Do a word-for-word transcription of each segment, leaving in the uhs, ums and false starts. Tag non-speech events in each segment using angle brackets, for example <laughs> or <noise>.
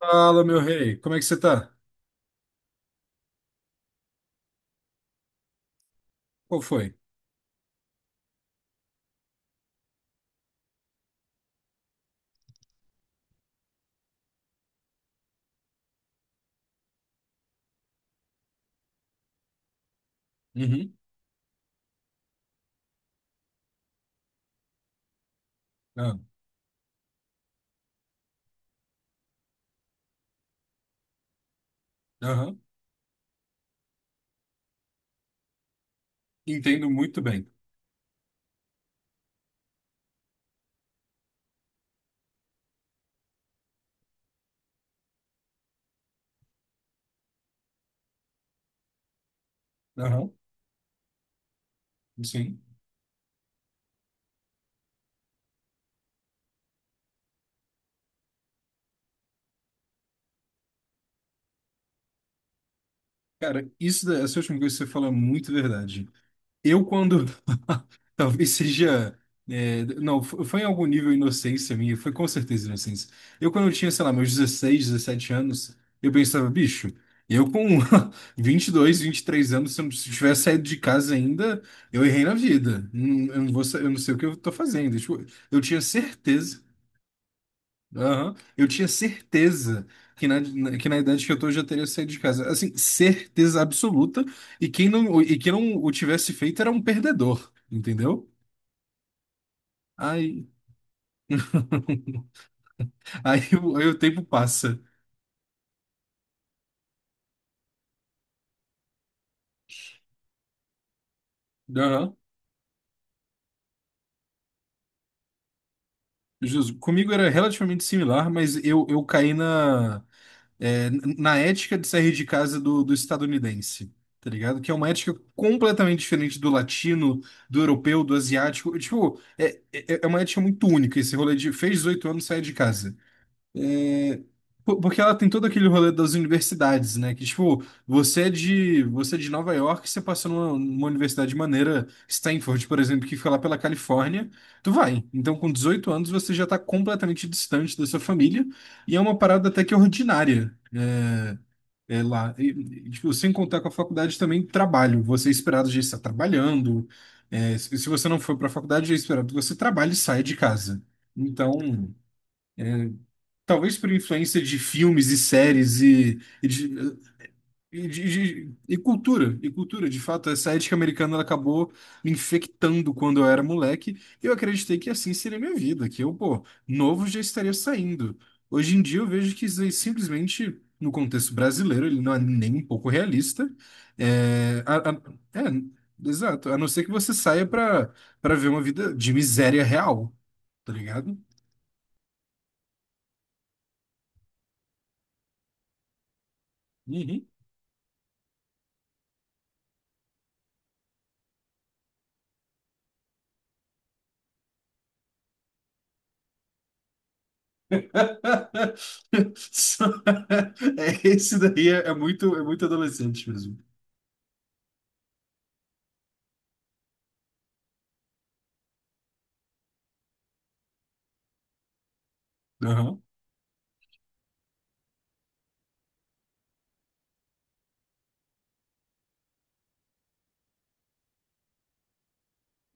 Fala, meu rei, como é que você tá? Qual foi? Uhum. Ah, aham. Entendo muito bem. Aham. Sim. Cara, isso, da- essa última coisa que você fala é muito verdade. Eu, quando. <laughs> Talvez seja. É, não, fo- Foi em algum nível inocência minha, foi com certeza inocência. Eu, quando eu tinha, sei lá, meus dezesseis dezessete anos, eu pensava, bicho, eu com <laughs> vinte vinte e dois vinte e três anos, se eu não tivesse saído de casa ainda, eu errei na vida. Não- Eu não vou, sa- eu não sei o que eu tô fazendo. Tipo, eu tinha certeza. Aham. Eu tinha certeza que na, na- que na idade que eu tô eu já teria saído de casa. Assim, certeza absoluta. E quem não, e quem não o tivesse feito era um perdedor, entendeu? Aí, <laughs> aí, o, aí o tempo passa. Aham. Justo. Comigo era relativamente similar, mas eu, eu caí na. é, na ética de sair de casa do, do estadunidense, tá ligado? Que é uma ética completamente diferente do latino, do europeu, do asiático. Tipo, é, é, é uma ética muito única esse rolê de fez dezoito anos, sai de casa. É, po- Porque ela tem todo aquele rolê das universidades, né? Que, tipo, você é de, você é de Nova York, você passa numa, numa universidade maneira, Stanford, por exemplo, que fica lá pela Califórnia, tu vai. Então, com dezoito anos, você já tá completamente distante da sua família, e é uma parada até que ordinária, é, é lá. E, e, tipo, sem contar com a faculdade também, trabalho. Você é esperado de estar trabalhando, é, se se você não for para a faculdade, é esperado que você trabalhe e saia de casa. Então. Talvez por influência de filmes e séries e, e, de, e, de- de- e cultura, e cultura, de fato, essa ética americana ela acabou me infectando quando eu era moleque, e eu acreditei que assim seria a minha vida, que eu, pô, novo já estaria saindo. Hoje em dia eu vejo que isso aí simplesmente, no contexto brasileiro, ele não é nem um pouco realista. É, a- a- é, exato, a não ser que você saia para para ver uma vida de miséria real, tá ligado? Uhum. <laughs> Só- <laughs> É, esse daí é, é muito, é muito adolescente mesmo. Aham.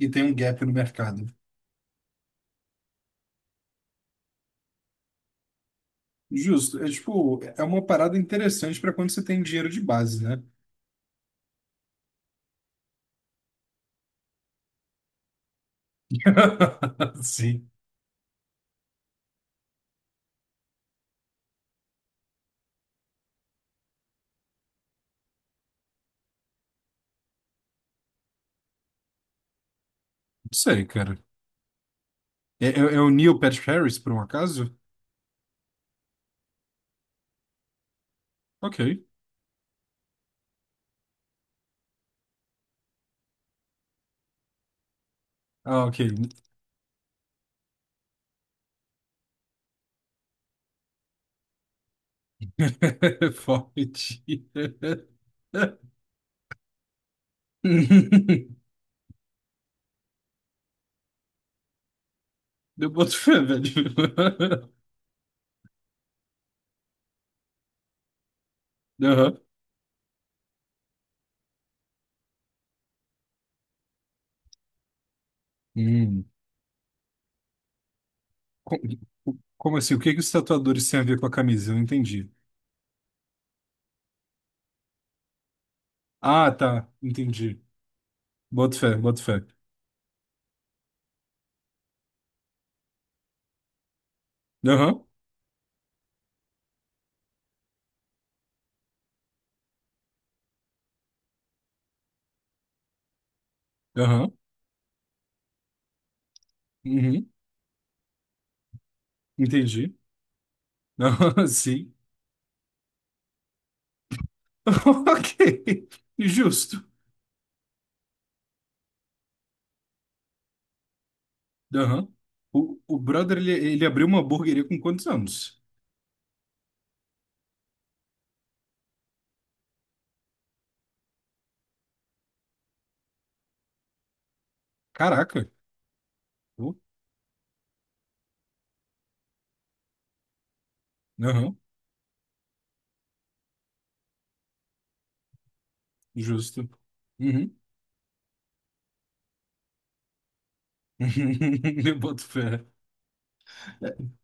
E tem um gap no mercado. Justo. É tipo, é uma parada interessante para quando você tem dinheiro de base, né? <laughs> Sim. Não sei, cara. É, é- é o Neil Patrick Harris, por um acaso? Ok. Ah, ok. <laughs> Forte. <laughs> Eu boto fé, velho. <laughs> Aham. Hum. Co- Como assim? O que que os tatuadores têm a ver com a camisa? Eu não entendi. Ah, tá. Entendi. Boto fé, boto fé. Aham, aham, uhum, entendi. Aham, <laughs> sim. <laughs> Ok, justo. Aham. O, o brother, ele, ele abriu uma hamburgueria com quantos anos? Caraca. Oh, aham, justo. Uhum. <laughs> Eu boto fé. <laughs>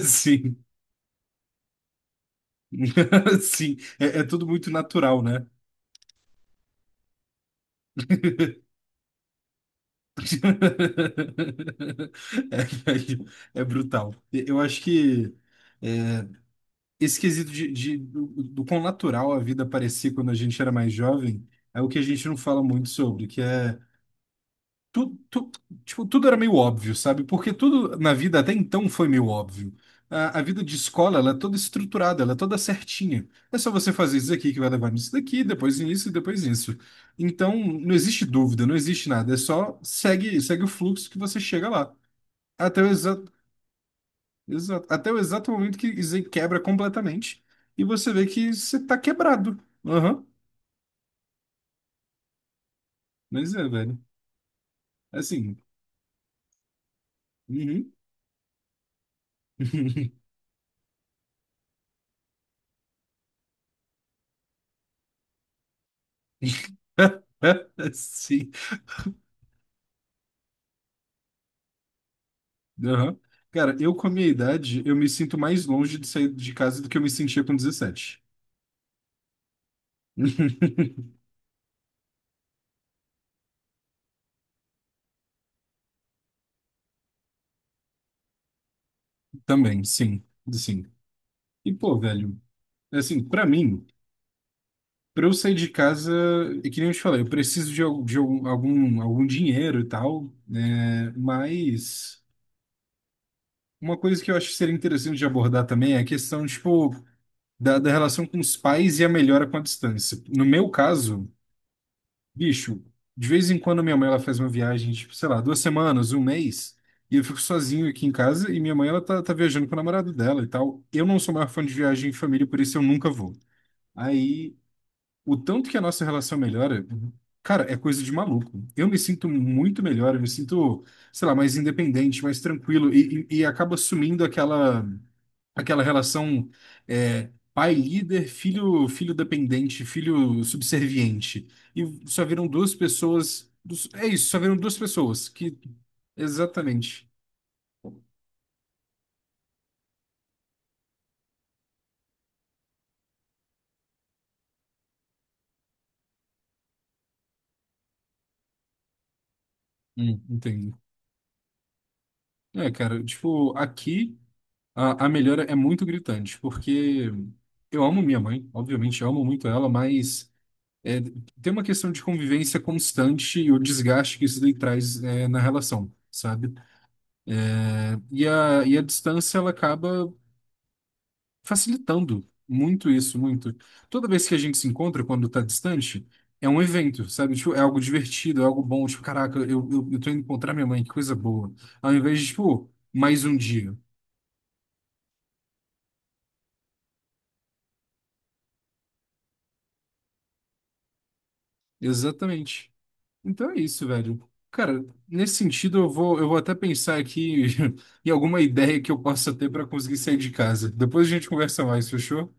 Sim, <laughs> sim. É, é tudo muito natural, né? <laughs> <laughs> É, é- é brutal. Eu acho que é, esse quesito de, de- do, do quão natural a vida parecia quando a gente era mais jovem é o que a gente não fala muito sobre, que é tu, tu- tipo, tudo era meio óbvio, sabe? Porque tudo na vida até então foi meio óbvio. A, a vida de escola, ela é toda estruturada, ela é toda certinha. É só você fazer isso aqui que vai levar nisso daqui, depois nisso e depois nisso. Então, não existe dúvida, não existe nada. É só segue, segue o fluxo que você chega lá. Até o exato, exato, até o exato momento que isso aí quebra completamente e você vê que você tá quebrado. Aham. Mas é, velho. Assim. Uhum. <laughs> Sim. Aham. Cara, eu com a minha idade, eu me sinto mais longe de sair de casa do que eu me sentia com dezessete. <laughs> Também, sim, sim. E pô, velho, assim, pra mim, pra eu sair de casa, é que nem eu te falei, eu preciso de, al- de algum, algum algum dinheiro e tal, né? Mas uma coisa que eu acho que seria interessante de abordar também é a questão, tipo, da, da relação com os pais e a melhora com a distância. No meu caso, bicho, de vez em quando minha mãe ela faz uma viagem, tipo, sei lá, duas semanas, um mês, e eu fico sozinho aqui em casa e minha mãe ela tá, tá viajando com o namorado dela e tal. Eu não sou maior fã de viagem em família, por isso eu nunca vou. Aí, o tanto que a nossa relação melhora, cara, é coisa de maluco. Eu me sinto muito melhor, eu me sinto, sei lá, mais independente, mais tranquilo e, e, e acaba sumindo aquela aquela relação é, pai líder, filho filho dependente, filho subserviente. E só viram duas pessoas. dos- É isso, só viram duas pessoas que exatamente. Hum, entendo. É, cara, tipo, aqui a, a melhora é muito gritante, porque eu amo minha mãe, obviamente, eu amo muito ela, mas é, tem uma questão de convivência constante e o desgaste que isso daí traz é, na relação, sabe? É, e a, e a distância, ela acaba facilitando muito isso, muito. Toda vez que a gente se encontra, quando tá distante, é um evento, sabe? Tipo, é algo divertido, é algo bom. Tipo, caraca, eu, eu, eu tô indo encontrar minha mãe, que coisa boa. Ao invés de, tipo, mais um dia. Exatamente. Então é isso, velho. Cara, nesse sentido, eu vou, eu vou até pensar aqui <laughs> em alguma ideia que eu possa ter para conseguir sair de casa. Depois a gente conversa mais, fechou?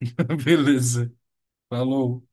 <laughs> Beleza. Falou.